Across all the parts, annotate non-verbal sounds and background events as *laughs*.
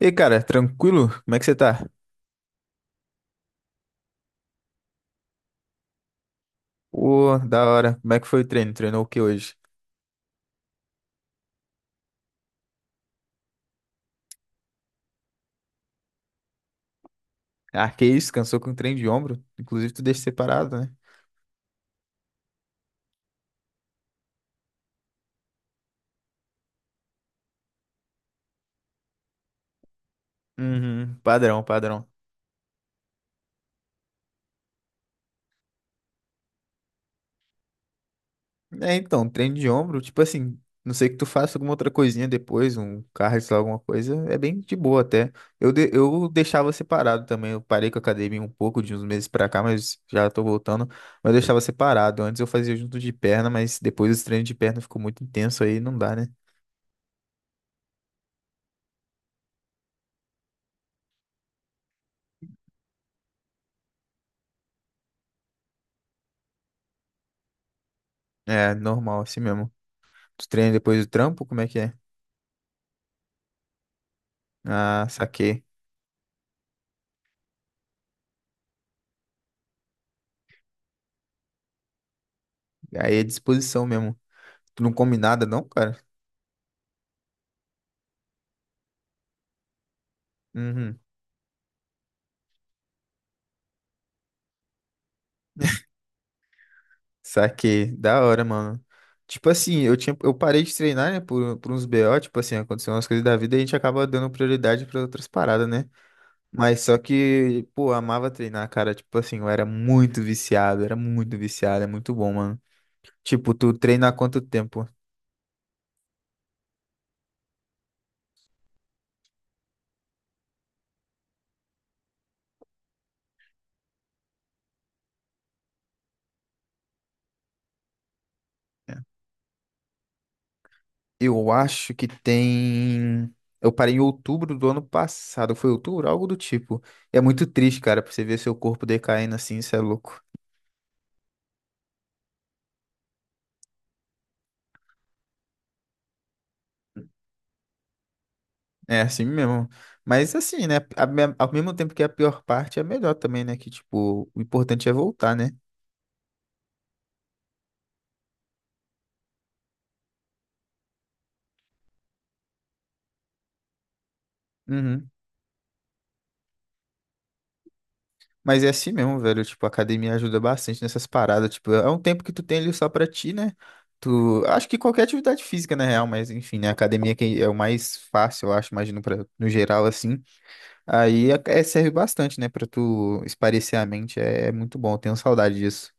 E aí, cara, tranquilo? Como é que você tá? Ô, da hora. Como é que foi o treino? Treinou o que hoje? Ah, que isso, cansou com treino de ombro. Inclusive, tu deixa separado, né? Uhum, padrão, padrão. É, então, treino de ombro, tipo assim, não sei que tu faça alguma outra coisinha depois, um cardio, sei lá, alguma coisa, é bem de boa até. Eu deixava separado também, eu parei com a academia um pouco, de uns meses pra cá, mas já tô voltando, mas eu deixava separado. Antes eu fazia junto de perna, mas depois os treinos de perna ficou muito intenso aí, não dá, né? É, normal, assim mesmo. Tu treina depois do trampo? Como é que é? Ah, saquei. Aí é disposição mesmo. Tu não come nada, não, cara? Uhum. Saquei. Da hora, mano. Tipo assim, eu tinha, eu parei de treinar, né, por uns BO, tipo assim, aconteceu umas coisas da vida e a gente acaba dando prioridade pra outras paradas, né? Mas só que, pô, eu amava treinar, cara. Tipo assim, eu era muito viciado, é muito bom, mano. Tipo, tu treina há quanto tempo? Eu acho que tem. Eu parei em outubro do ano passado. Foi outubro? Algo do tipo. É muito triste, cara, pra você ver seu corpo decaindo assim, isso é louco. É assim mesmo. Mas assim, né? Ao mesmo tempo que é a pior parte é a melhor também, né? Que, tipo, o importante é voltar, né? Uhum. Mas é assim mesmo, velho. Tipo, a academia ajuda bastante nessas paradas. Tipo, é um tempo que tu tem ali só pra ti, né? Tu... Acho que qualquer atividade física, na real, mas enfim, né? A academia que é o mais fácil, eu acho, imagino, pra... no geral, assim. Serve bastante, né, pra tu espairecer a mente. É, é muito bom, eu tenho saudade disso.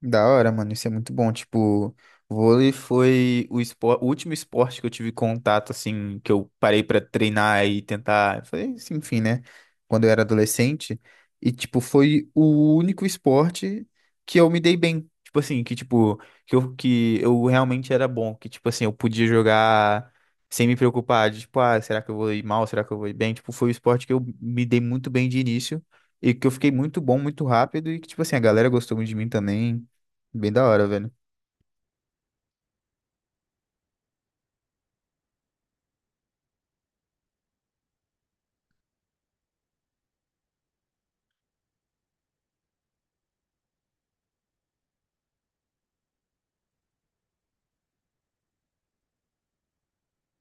Da hora, mano, isso é muito bom. Tipo, vôlei foi o último esporte que eu tive contato, assim, que eu parei pra treinar e tentar. Foi, assim, enfim, né? Quando eu era adolescente. E, tipo, foi o único esporte que eu me dei bem. Tipo assim, que, tipo, que eu realmente era bom. Que, tipo assim, eu podia jogar sem me preocupar de, tipo, ah, será que eu vou ir mal? Será que eu vou ir bem? Tipo, foi o esporte que eu me dei muito bem de início. E que eu fiquei muito bom, muito rápido, e que, tipo assim, a galera gostou muito de mim também. Bem da hora, velho.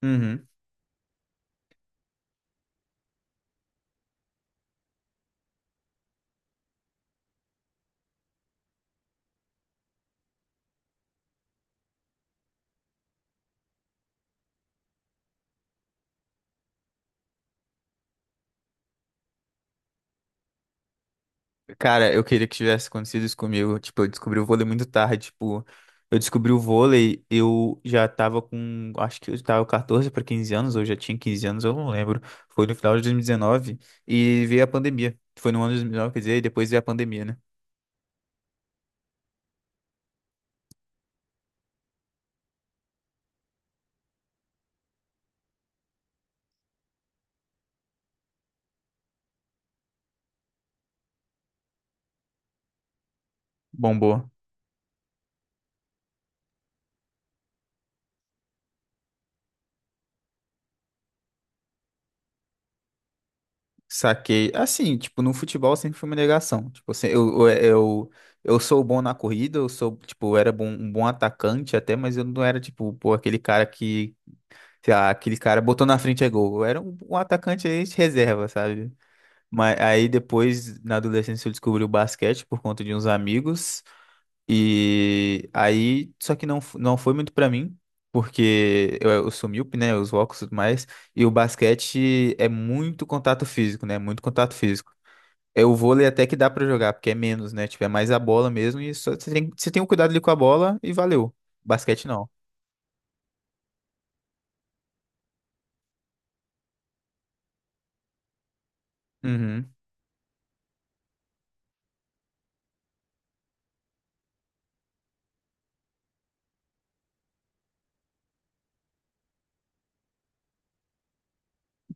Uhum. Cara, eu queria que tivesse acontecido isso comigo. Tipo, eu descobri o vôlei muito tarde. Tipo, eu descobri o vôlei, eu já tava com, acho que eu tava 14 para 15 anos, ou já tinha 15 anos, eu não lembro. Foi no final de 2019 e veio a pandemia. Foi no ano de 2019, quer dizer, e depois veio a pandemia, né? Bombou. Saquei. Assim, tipo, no futebol sempre foi uma negação. Tipo, assim, eu sou bom na corrida, eu sou, tipo, eu era bom, um bom atacante até, mas eu não era, tipo, pô, aquele cara que sei lá, aquele cara botou na frente é gol. Eu era um atacante aí de reserva, sabe? Mas aí depois, na adolescência, eu descobri o basquete por conta de uns amigos. E aí, só que não, não foi muito pra mim, porque eu sou míope, né? Os óculos e tudo mais. E o basquete é muito contato físico, né? Muito contato físico. É o vôlei até que dá pra jogar, porque é menos, né? Tipo, é mais a bola mesmo e só você tem o cuidado ali com a bola e valeu. Basquete não. Uhum.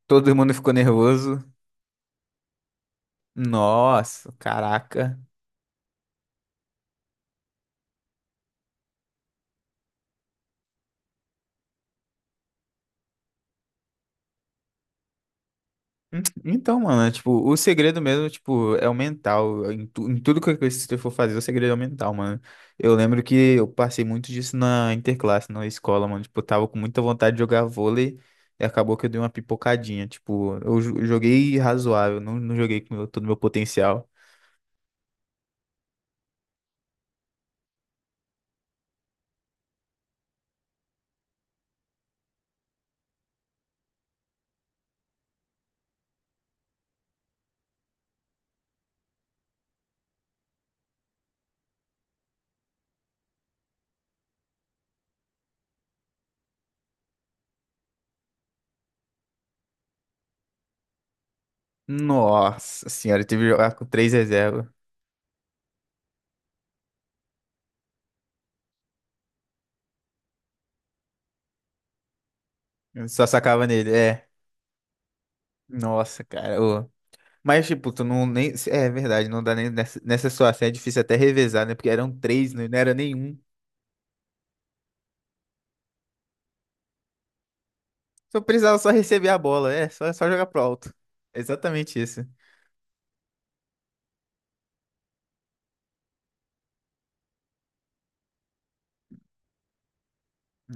Todo mundo ficou nervoso. Nossa, caraca. Então, mano, é, tipo, o segredo mesmo, tipo, é o mental. Em tudo que você for fazer, o segredo é o mental, mano. Eu lembro que eu passei muito disso na interclasse, na escola, mano. Tipo, eu tava com muita vontade de jogar vôlei e acabou que eu dei uma pipocadinha. Tipo, joguei razoável, não joguei com todo o meu potencial. Nossa senhora, eu tive que jogar com 3 reservas. Eu só sacava nele, é. Nossa, cara, mas, tipo, tu não nem. É verdade, não dá nem nessa situação. É difícil até revezar, né? Porque eram 3, né? Não era nenhum. Só precisava só receber a bola. É, só jogar pro alto. É exatamente isso.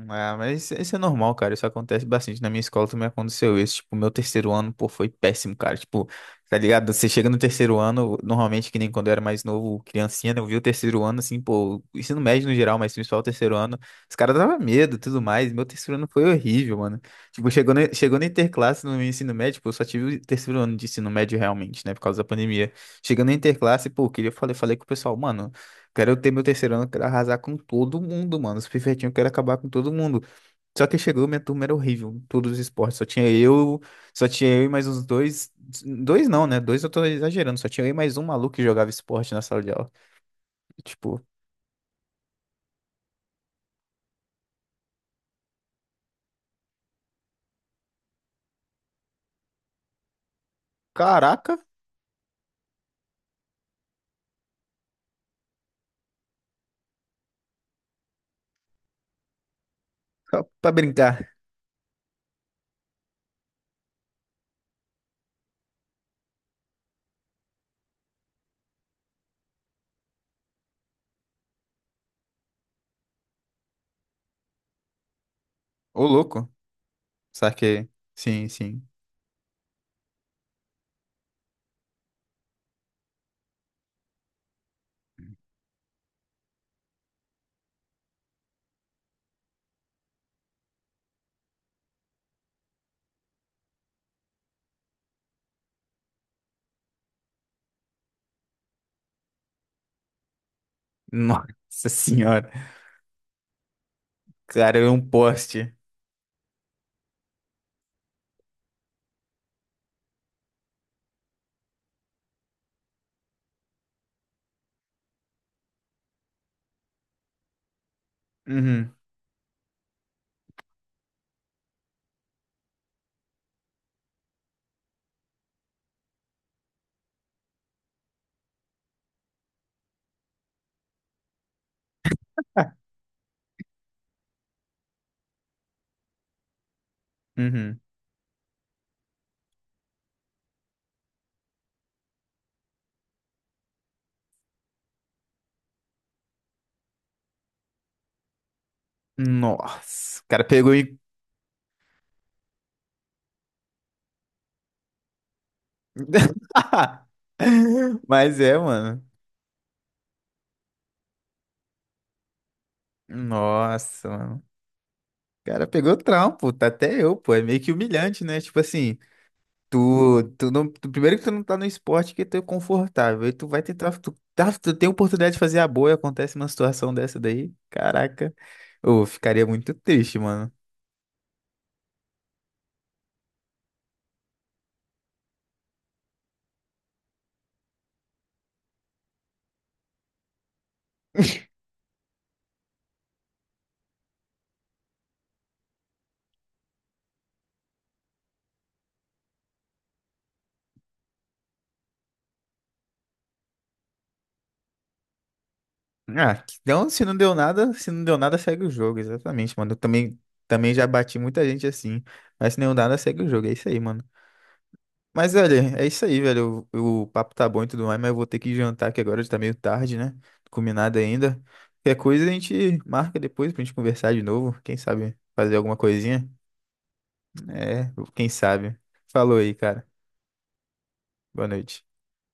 Ah, isso é normal, cara. Isso acontece bastante. Na minha escola também aconteceu isso. Tipo, meu terceiro ano, pô, foi péssimo, cara. Tipo, tá ligado? Você chega no terceiro ano, normalmente, que nem quando eu era mais novo, criancinha, né? Eu vi o terceiro ano, assim, pô, ensino médio no geral, mas principal o terceiro ano, os caras davam medo e tudo mais. Meu terceiro ano foi horrível, mano. Tipo, chegou na interclasse no meu ensino médio, pô, eu só tive o terceiro ano de ensino médio realmente, né? Por causa da pandemia. Chegando na interclasse, pô, eu queria, falei com o pessoal, mano. Quero ter meu terceiro ano, quero arrasar com todo mundo, mano. Os pivetinhos, eu quero acabar com todo mundo. Só que chegou, minha turma era horrível. Em todos os esportes. Só tinha eu e mais uns dois. Dois não, né? Dois eu tô exagerando. Só tinha eu e mais um maluco que jogava esporte na sala de aula. Tipo, caraca, pra brincar. Ô, louco. Saquei. Sim, sim. Nossa senhora. Cara, eu um poste. Uhum, uhum. Nossa. O cara pegou e. *laughs* Mas é, mano. Nossa, mano. O cara pegou trampo, tá até eu, pô. É meio que humilhante, né? Tipo assim, tu, tu não, tu- primeiro que tu não tá no esporte que tu é confortável, e tu vai tentar, tu tem oportunidade de fazer a boa e acontece uma situação dessa daí. Caraca, eu ficaria muito triste, mano. Ah, então se não deu nada, segue o jogo, exatamente, mano. Eu também, também já bati muita gente assim, mas se não deu nada, segue o jogo, é isso aí, mano. Mas, velho, é isso aí, velho. O papo tá bom e tudo mais, mas eu vou ter que jantar, que agora já tá meio tarde, né? Não comi nada ainda. Qualquer coisa a gente marca depois pra gente conversar de novo. Quem sabe fazer alguma coisinha? É, quem sabe. Falou aí, cara. Boa noite.